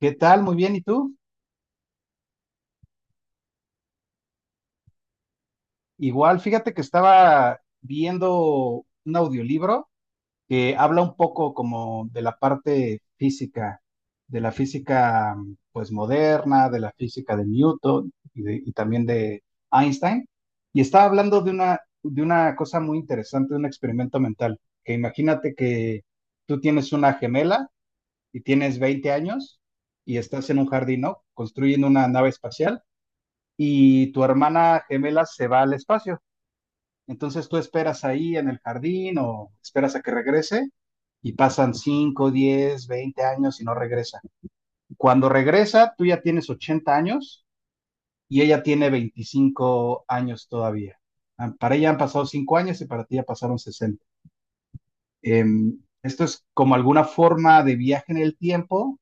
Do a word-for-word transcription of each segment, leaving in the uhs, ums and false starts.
¿Qué tal? Muy bien, ¿y tú? Igual, fíjate que estaba viendo un audiolibro que habla un poco como de la parte física, de la física pues moderna, de la física de Newton y, de- y también de Einstein, y estaba hablando de una, de una cosa muy interesante, de un experimento mental, que imagínate que tú tienes una gemela y tienes veinte años y estás en un jardín, ¿no? Construyendo una nave espacial y tu hermana gemela se va al espacio. Entonces tú esperas ahí en el jardín o esperas a que regrese y pasan cinco, diez, veinte años y no regresa. Cuando regresa, tú ya tienes ochenta años y ella tiene veinticinco años todavía. Ah, para ella han pasado cinco años y para ti ya pasaron sesenta. Em, esto es como alguna forma de viaje en el tiempo,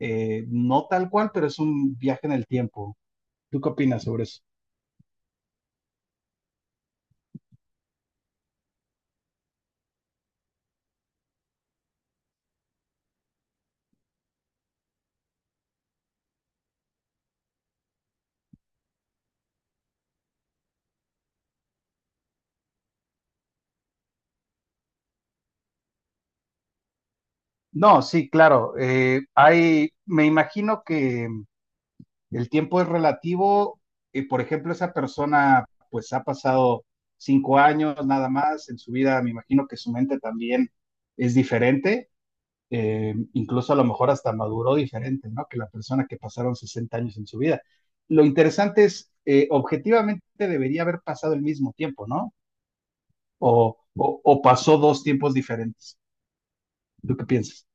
eh, no tal cual, pero es un viaje en el tiempo. ¿Tú qué opinas sobre eso? No, sí, claro. Eh, hay, me imagino que el tiempo es relativo. Eh, por ejemplo, esa persona pues ha pasado cinco años nada más en su vida. Me imagino que su mente también es diferente. Eh, incluso a lo mejor hasta maduró diferente, ¿no? Que la persona que pasaron sesenta años en su vida. Lo interesante es, eh, objetivamente debería haber pasado el mismo tiempo, ¿no? O, o, o pasó dos tiempos diferentes. ¿Tú qué piensas?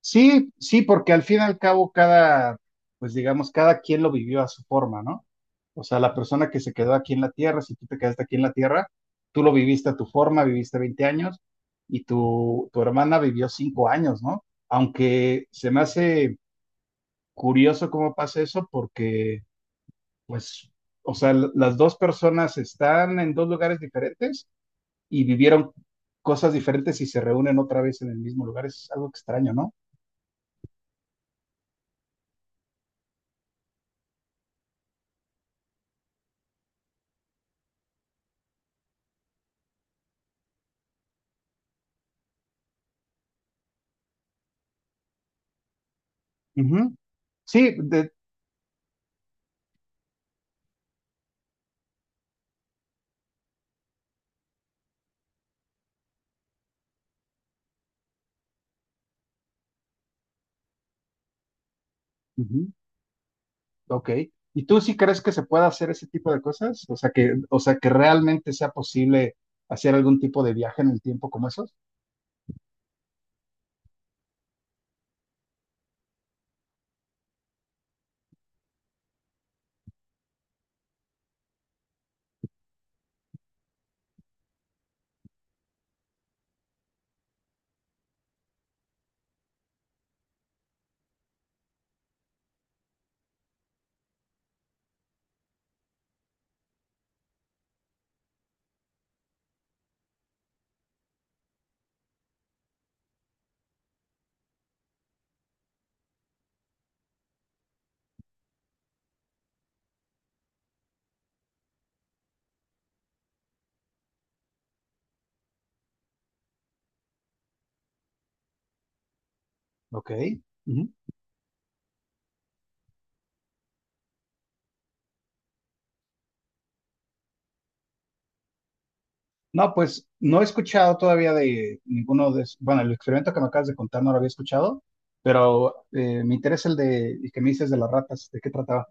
Sí, sí, porque al fin y al cabo cada, pues digamos, cada quien lo vivió a su forma, ¿no? O sea, la persona que se quedó aquí en la Tierra, si tú te quedaste aquí en la Tierra, tú lo viviste a tu forma, viviste veinte años y tu, tu hermana vivió cinco años, ¿no? Aunque se me hace curioso cómo pasa eso porque, pues, o sea, l- las dos personas están en dos lugares diferentes y vivieron cosas diferentes y se reúnen otra vez en el mismo lugar. Es algo extraño, ¿no? Ujú. Sí, de, Ujú. Ok. ¿Y tú sí crees que se pueda hacer ese tipo de cosas? O sea que, o sea que realmente sea posible hacer algún tipo de viaje en el tiempo como esos. Ok. Ujú. No, pues no he escuchado todavía de ninguno de, es- bueno, el experimento que me acabas de contar no lo había escuchado, pero eh, me interesa el de, el que me dices de las ratas, ¿de qué trataba?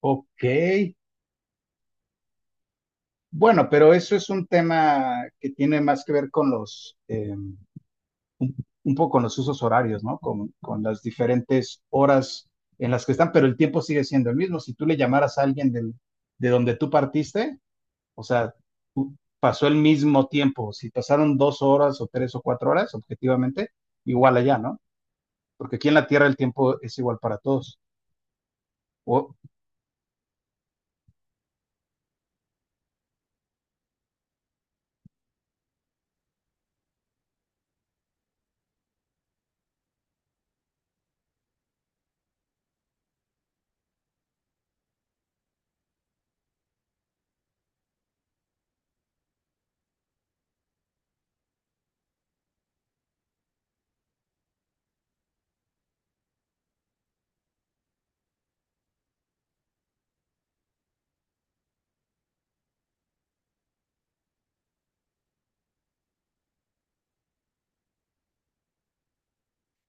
Ok. Bueno, pero eso es un tema que tiene más que ver con los, em, un poco con los usos horarios, ¿no? Con, con, las diferentes horas en las que están, pero el tiempo sigue siendo el mismo. Si tú le llamaras a alguien del, de donde tú partiste, o sea, tú, pasó el mismo tiempo. Si pasaron dos horas o tres o cuatro horas, objetivamente, igual allá, ¿no? Porque aquí en la Tierra el tiempo es igual para todos. O,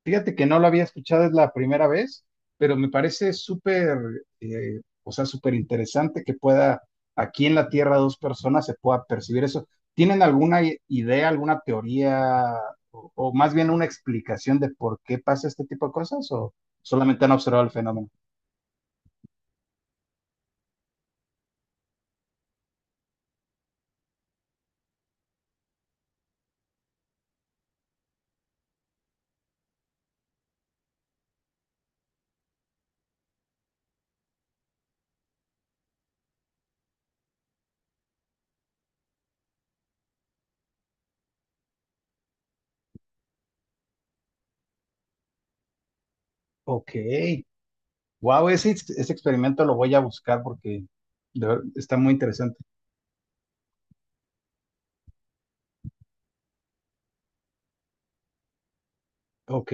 Fíjate que no lo había escuchado, es la primera vez, pero me parece súper, eh, o sea, súper interesante que pueda aquí en la Tierra dos personas se pueda percibir eso. ¿Tienen alguna i- idea, alguna teoría o, o más bien una explicación de por qué pasa este tipo de cosas o solamente han observado el fenómeno? Ok, wow, ese, ex- ese experimento lo voy a buscar porque de ver- está muy interesante. Ok.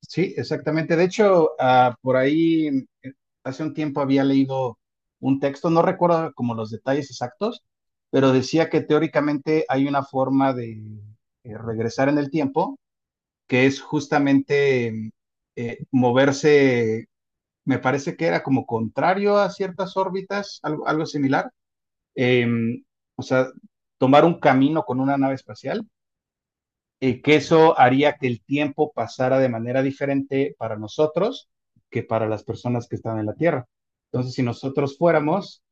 Sí, exactamente. De hecho, ah, por ahí eh, hace un tiempo había leído un texto, no recuerdo como los detalles exactos, pero decía que teóricamente hay una forma de eh, regresar en el tiempo, que es justamente eh, moverse, me parece que era como contrario a ciertas órbitas, algo, algo similar. Em, o sea, tomar un camino con una nave espacial y que eso haría que el tiempo pasara de manera diferente para nosotros que para las personas que están en la Tierra. Entonces, si nosotros fuéramos,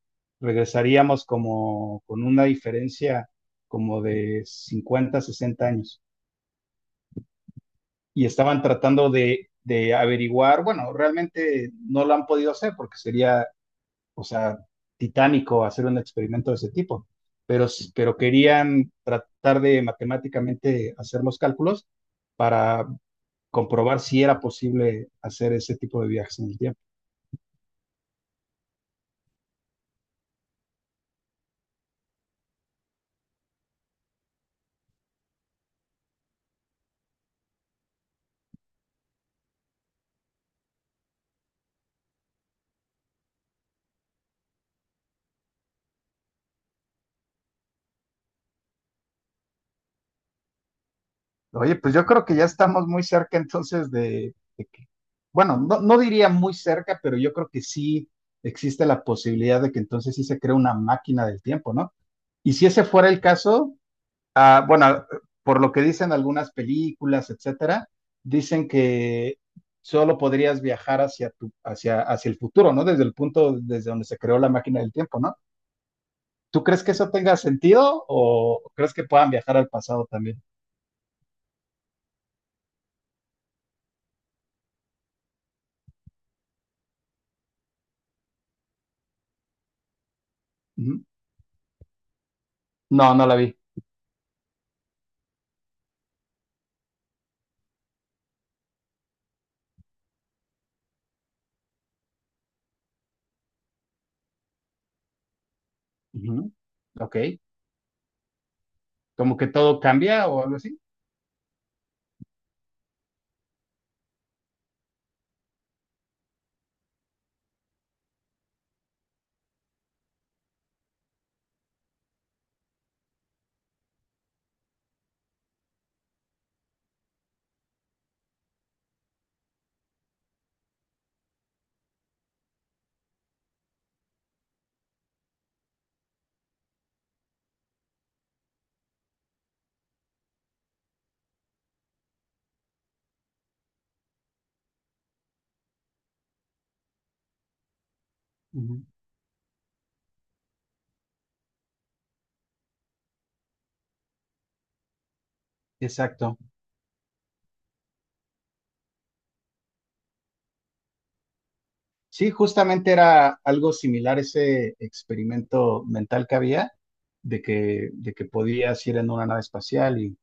regresaríamos como con una diferencia como de cincuenta, sesenta años. Y estaban tratando de, de averiguar, bueno, realmente no lo han podido hacer porque sería, o sea, titánico hacer un experimento de ese tipo, pero, s- pero querían tratar de matemáticamente hacer los cálculos para comprobar si era posible hacer ese tipo de viajes en el tiempo. Oye, pues yo creo que ya estamos muy cerca entonces de, de que, bueno, no, no diría muy cerca, pero yo creo que sí existe la posibilidad de que entonces sí se cree una máquina del tiempo, ¿no? Y si ese fuera el caso, ah, bueno, por lo que dicen algunas películas, etcétera, dicen que solo podrías viajar hacia, tu, hacia, hacia el futuro, ¿no? Desde el punto desde donde se creó la máquina del tiempo, ¿no? ¿Tú crees que eso tenga sentido o crees que puedan viajar al pasado también? Ujú. No, no la vi. Ujú. Ok. Como que todo cambia o algo así. Ujú. Exacto. Sí, justamente era algo similar ese experimento mental que había de que, de que podías ir en una nave espacial y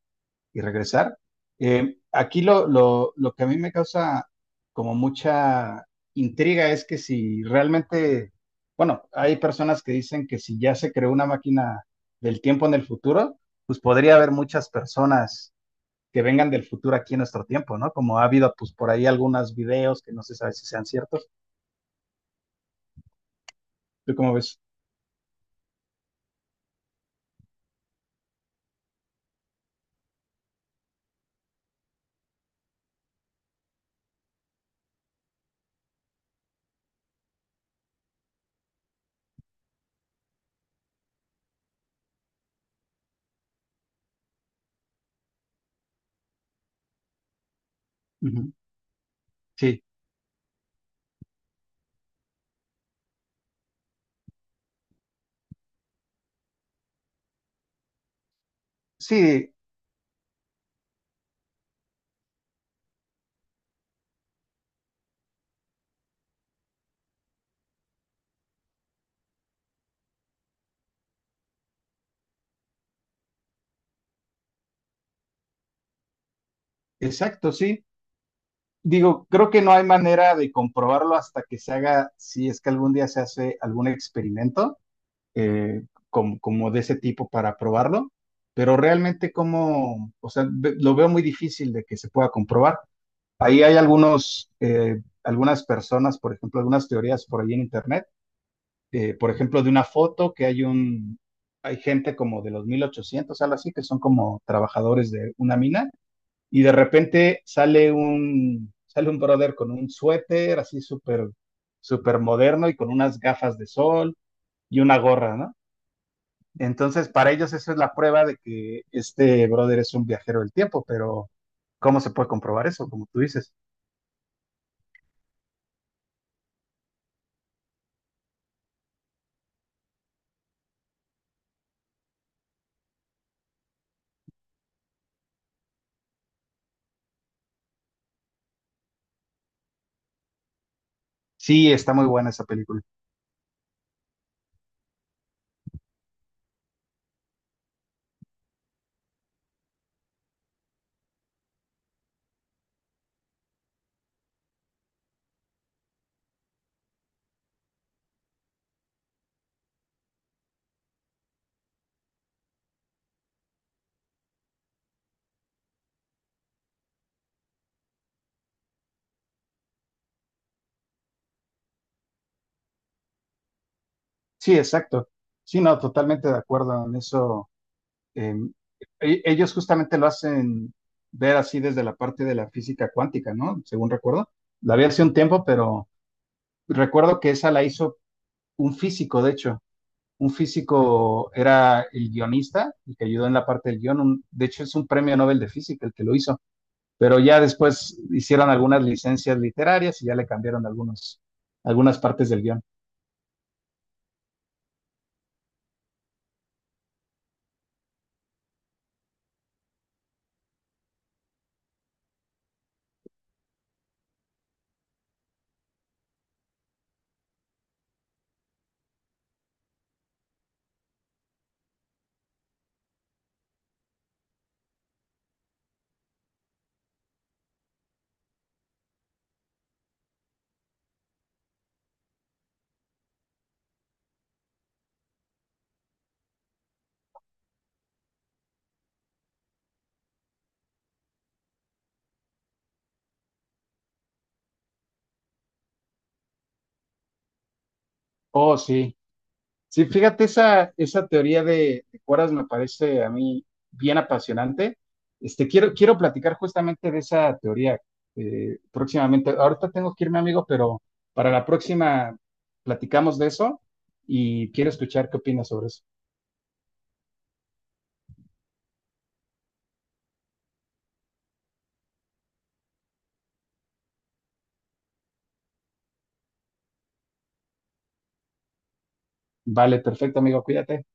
regresar. Eh, aquí lo, lo, lo que a mí me causa como mucha intriga es que si realmente, bueno, hay personas que dicen que si ya se creó una máquina del tiempo en el futuro, pues podría haber muchas personas que vengan del futuro aquí en nuestro tiempo, ¿no? Como ha habido pues por ahí algunos videos que no se sabe si sean ciertos. ¿Tú cómo ves? Ujú. Sí, sí, exacto, sí. Digo, creo que no hay manera de comprobarlo hasta que se haga, si es que algún día se hace algún experimento eh, como, como de ese tipo para probarlo, pero realmente como, o sea, ve- lo veo muy difícil de que se pueda comprobar. Ahí hay algunos, eh, algunas personas, por ejemplo, algunas teorías por ahí en internet, eh, por ejemplo, de una foto que hay un, hay gente como de los los mil ochocientos, algo así, que son como trabajadores de una mina y de repente sale un, sale un brother con un suéter así súper súper moderno y con unas gafas de sol y una gorra, ¿no? Entonces, para ellos eso es la prueba de que este brother es un viajero del tiempo, pero ¿cómo se puede comprobar eso? Como tú dices. Sí, está muy buena esa película. Sí, exacto. Sí, no, totalmente de acuerdo en eso. Eh, e- ellos justamente lo hacen ver así desde la parte de la física cuántica, ¿no? Según recuerdo. La vi hace un tiempo, pero recuerdo que esa la hizo un físico, de hecho. Un físico era el guionista, el que ayudó en la parte del guión. Un, de hecho, es un premio Nobel de Física el que lo hizo. Pero ya después hicieron algunas licencias literarias y ya le cambiaron algunos, algunas partes del guión. Oh, sí. Sí, fíjate, esa, esa teoría de, de cuerdas me parece a mí bien apasionante. Este, quiero, quiero platicar justamente de esa teoría eh, próximamente. Ahorita tengo que irme, amigo, pero para la próxima platicamos de eso y quiero escuchar qué opinas sobre eso. Vale, perfecto, amigo, cuídate.